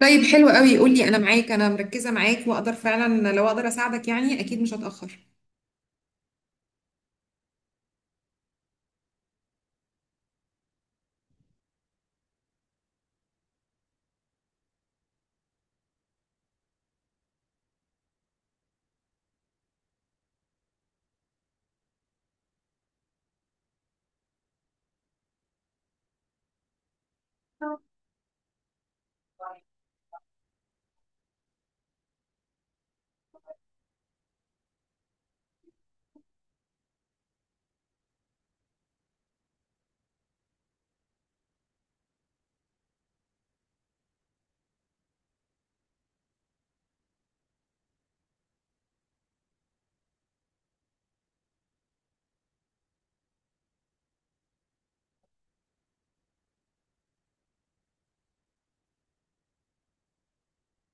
طيب، حلو قوي. قول لي، انا معاك، انا مركزه معاك، واقدر فعلا لو اقدر اساعدك يعني اكيد مش هتاخر.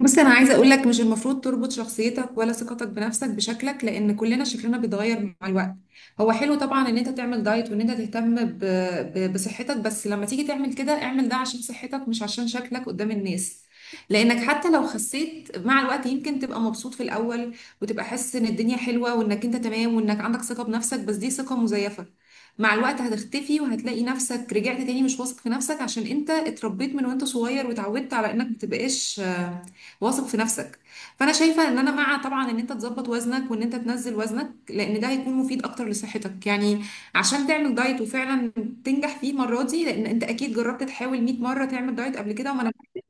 بص، انا عايزه اقول لك مش المفروض تربط شخصيتك ولا ثقتك بنفسك بشكلك، لان كلنا شكلنا بيتغير مع الوقت. هو حلو طبعا ان انت تعمل دايت وان انت تهتم بصحتك. بس لما تيجي تعمل كده، اعمل ده عشان صحتك مش عشان شكلك قدام الناس. لانك حتى لو خسيت مع الوقت يمكن تبقى مبسوط في الاول، وتبقى حاسس ان الدنيا حلوه وانك انت تمام وانك عندك ثقه بنفسك، بس دي ثقه مزيفه. مع الوقت هتختفي، وهتلاقي نفسك رجعت تاني مش واثق في نفسك، عشان انت اتربيت من وانت صغير واتعودت على انك متبقاش واثق في نفسك. فانا شايفه ان انا مع طبعا ان انت تظبط وزنك وان انت تنزل وزنك، لان ده هيكون مفيد اكتر لصحتك يعني. عشان تعمل دايت وفعلا تنجح فيه المره دي، لان انت اكيد جربت تحاول 100 مره تعمل دايت قبل كده وما نجحتش.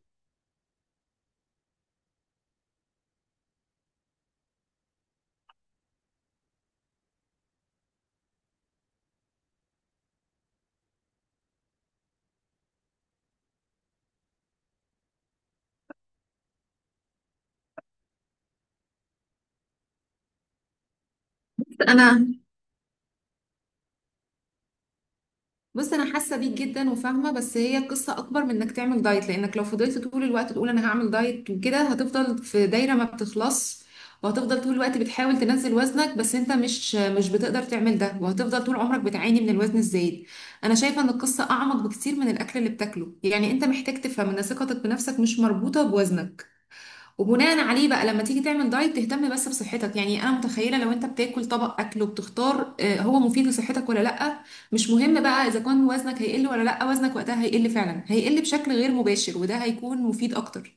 انا بص، انا حاسه بيك جدا وفاهمه، بس هي قصه اكبر من انك تعمل دايت، لانك لو فضلت طول الوقت تقول انا هعمل دايت وكده هتفضل في دايره ما بتخلص، وهتفضل طول الوقت بتحاول تنزل وزنك، بس انت مش بتقدر تعمل ده، وهتفضل طول عمرك بتعاني من الوزن الزايد. انا شايفه ان القصه اعمق بكتير من الاكل اللي بتاكله، يعني انت محتاج تفهم ان ثقتك بنفسك مش مربوطه بوزنك. وبناء عليه بقى، لما تيجي تعمل دايت، تهتم بس بصحتك. يعني انا متخيله لو انت بتاكل طبق اكل وبتختار هو مفيد لصحتك ولا لا. مش مهم بقى اذا كان وزنك هيقل ولا لا، وزنك وقتها هيقل، فعلا هيقل بشكل غير مباشر، وده هيكون مفيد اكتر.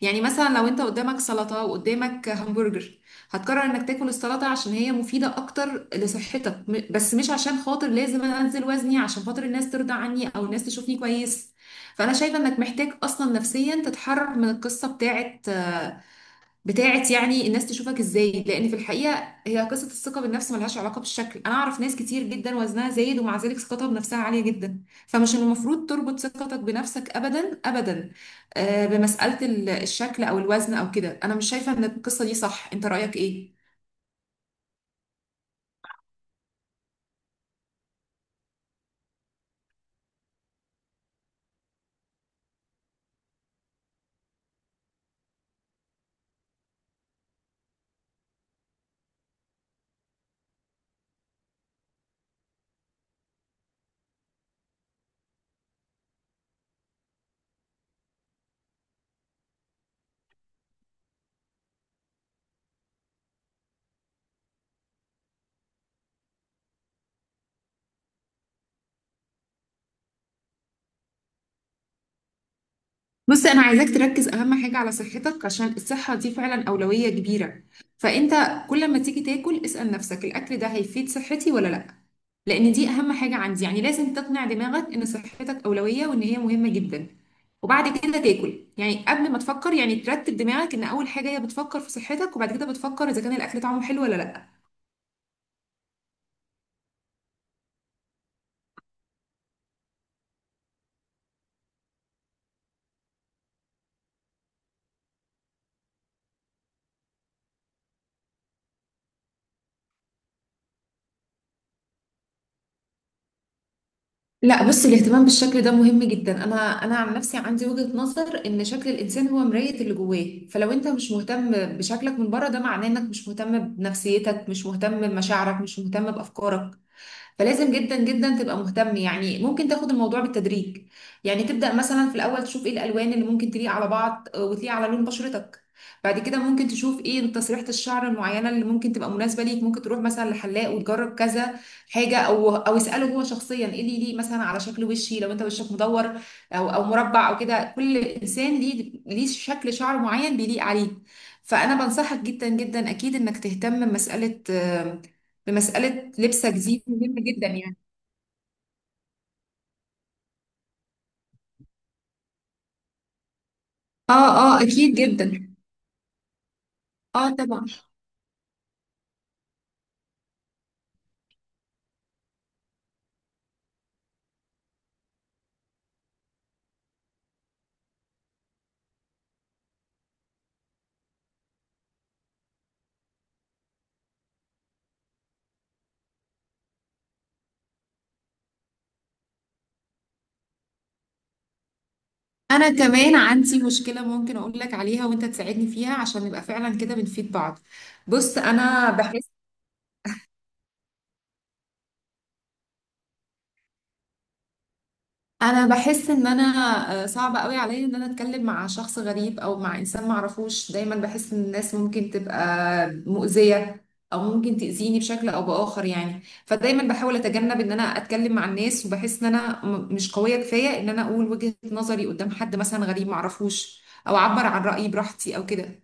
يعني مثلا لو انت قدامك سلطه وقدامك همبرجر، هتقرر انك تاكل السلطه عشان هي مفيده اكتر لصحتك، بس مش عشان خاطر لازم انا انزل وزني عشان خاطر الناس ترضى عني او الناس تشوفني كويس. فانا شايفه انك محتاج اصلا نفسيا تتحرر من القصه بتاعت يعني الناس تشوفك ازاي، لان في الحقيقه هي قصه الثقه بالنفس ملهاش علاقه بالشكل. انا اعرف ناس كتير جدا وزنها زايد ومع ذلك ثقتها بنفسها عاليه جدا، فمش المفروض تربط ثقتك بنفسك ابدا ابدا بمساله الشكل او الوزن او كده. انا مش شايفه ان القصه دي صح، انت رايك ايه؟ بص، انا عايزاك تركز اهم حاجه على صحتك، عشان الصحه دي فعلا اولويه كبيره. فانت كل ما تيجي تاكل اسال نفسك الاكل ده هيفيد صحتي ولا لا، لان دي اهم حاجه عندي. يعني لازم تقنع دماغك ان صحتك اولويه وان هي مهمه جدا وبعد كده تاكل. يعني قبل ما تفكر، يعني ترتب دماغك ان اول حاجه هي بتفكر في صحتك، وبعد كده بتفكر اذا كان الاكل طعمه حلو ولا لا. لا، بص، الاهتمام بالشكل ده مهم جدا. انا عن نفسي عندي وجهة نظر ان شكل الانسان هو مراية اللي جواه، فلو انت مش مهتم بشكلك من بره، ده معناه انك مش مهتم بنفسيتك، مش مهتم بمشاعرك، مش مهتم بافكارك. فلازم جدا جدا تبقى مهتم. يعني ممكن تاخد الموضوع بالتدريج، يعني تبدأ مثلا في الأول تشوف ايه الألوان اللي ممكن تليق على بعض وتليق على لون بشرتك. بعد كده ممكن تشوف ايه تسريحة الشعر المعينة اللي ممكن تبقى مناسبة ليك، ممكن تروح مثلا لحلاق وتجرب كذا حاجة، او اسأله هو شخصيا ايه اللي يليق مثلا على شكل وشي، لو انت وشك مدور او مربع او كده. كل انسان ليه شكل شعر معين بيليق عليه. فانا بنصحك جدا جدا اكيد انك تهتم بمسألة لبسك، دي مهمة جدا يعني. اه، اه، اكيد جدا. اه طبعا. انا كمان عندي مشكلة ممكن اقول لك عليها وانت تساعدني فيها، عشان نبقى فعلا كده بنفيد بعض. بص، انا بحس ان انا صعب قوي عليا ان انا اتكلم مع شخص غريب او مع انسان معرفوش. دايما بحس ان الناس ممكن تبقى مؤذية او ممكن تأذيني بشكل او بآخر يعني. فدايما بحاول اتجنب ان انا اتكلم مع الناس، وبحس ان انا مش قوية كفاية ان انا اقول وجهة نظري قدام حد مثلا غريب معرفوش، او اعبر عن رأيي براحتي او كده.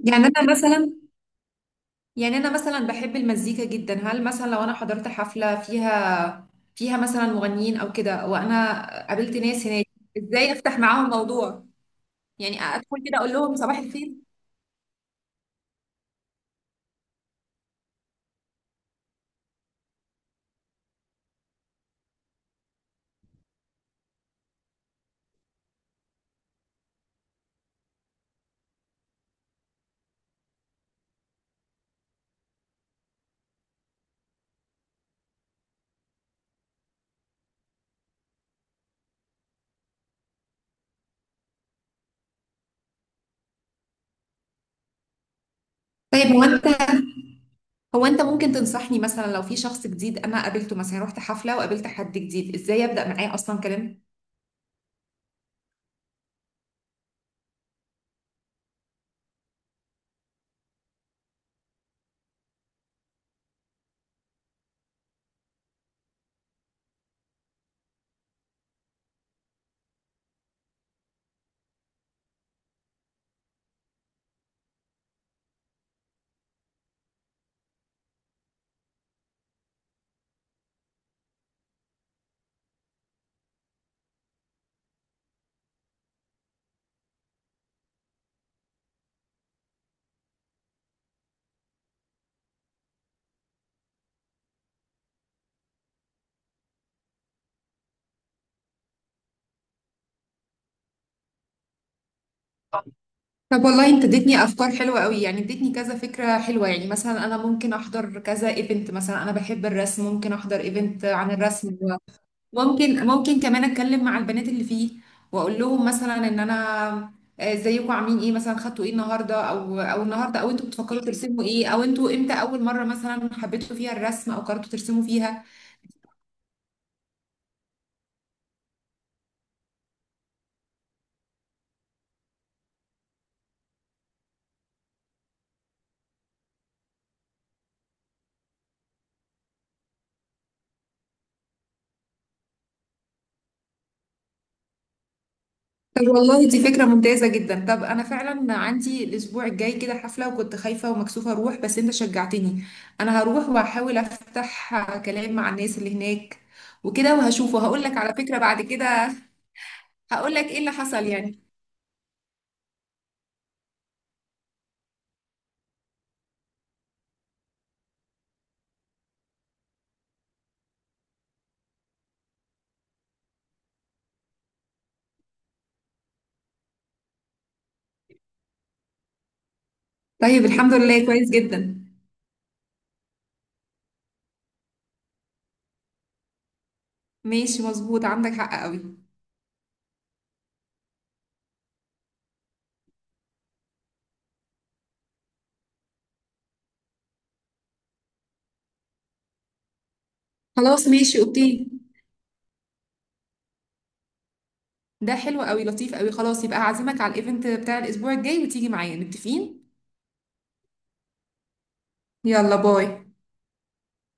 يعني انا مثلا يعني انا مثلا بحب المزيكا جدا. هل مثلا لو انا حضرت حفلة فيها مثلا مغنيين او كده، وانا قابلت ناس هناك، ازاي افتح معاهم موضوع؟ يعني ادخل كده اقول لهم صباح الخير؟ طيب، هو انت ممكن تنصحني مثلا لو في شخص جديد انا قابلته، مثلا رحت حفله وقابلت حد جديد، ازاي ابدا معاه اصلا كلام؟ طب والله انت اديتني افكار حلوه قوي، يعني اديتني كذا فكره حلوه. يعني مثلا انا ممكن احضر كذا ايفنت، مثلا انا بحب الرسم، ممكن احضر ايفنت عن الرسم. ممكن كمان اتكلم مع البنات اللي فيه، واقول لهم مثلا ان انا ازيكم عاملين ايه، مثلا خدتوا ايه النهارده او انتوا بتفكروا ترسموا ايه، او انتوا امتى اول مره مثلا حبيتوا فيها الرسم او قررتوا ترسموا فيها. طب والله دي فكرة ممتازة جدا. طب انا فعلا عندي الاسبوع الجاي كده حفلة، وكنت خايفة ومكسوفة اروح بس انت شجعتني. انا هروح وهحاول افتح كلام مع الناس اللي هناك وكده، وهشوف وهقول لك على فكرة بعد كده، هقول لك ايه اللي حصل يعني. طيب، الحمد لله، كويس جدا. ماشي، مظبوط، عندك حق قوي. خلاص، ماشي، اوكي. ده حلو قوي، لطيف قوي. خلاص، يبقى هعزمك على الايفنت بتاع الاسبوع الجاي وتيجي معايا، متفقين. يلا باي.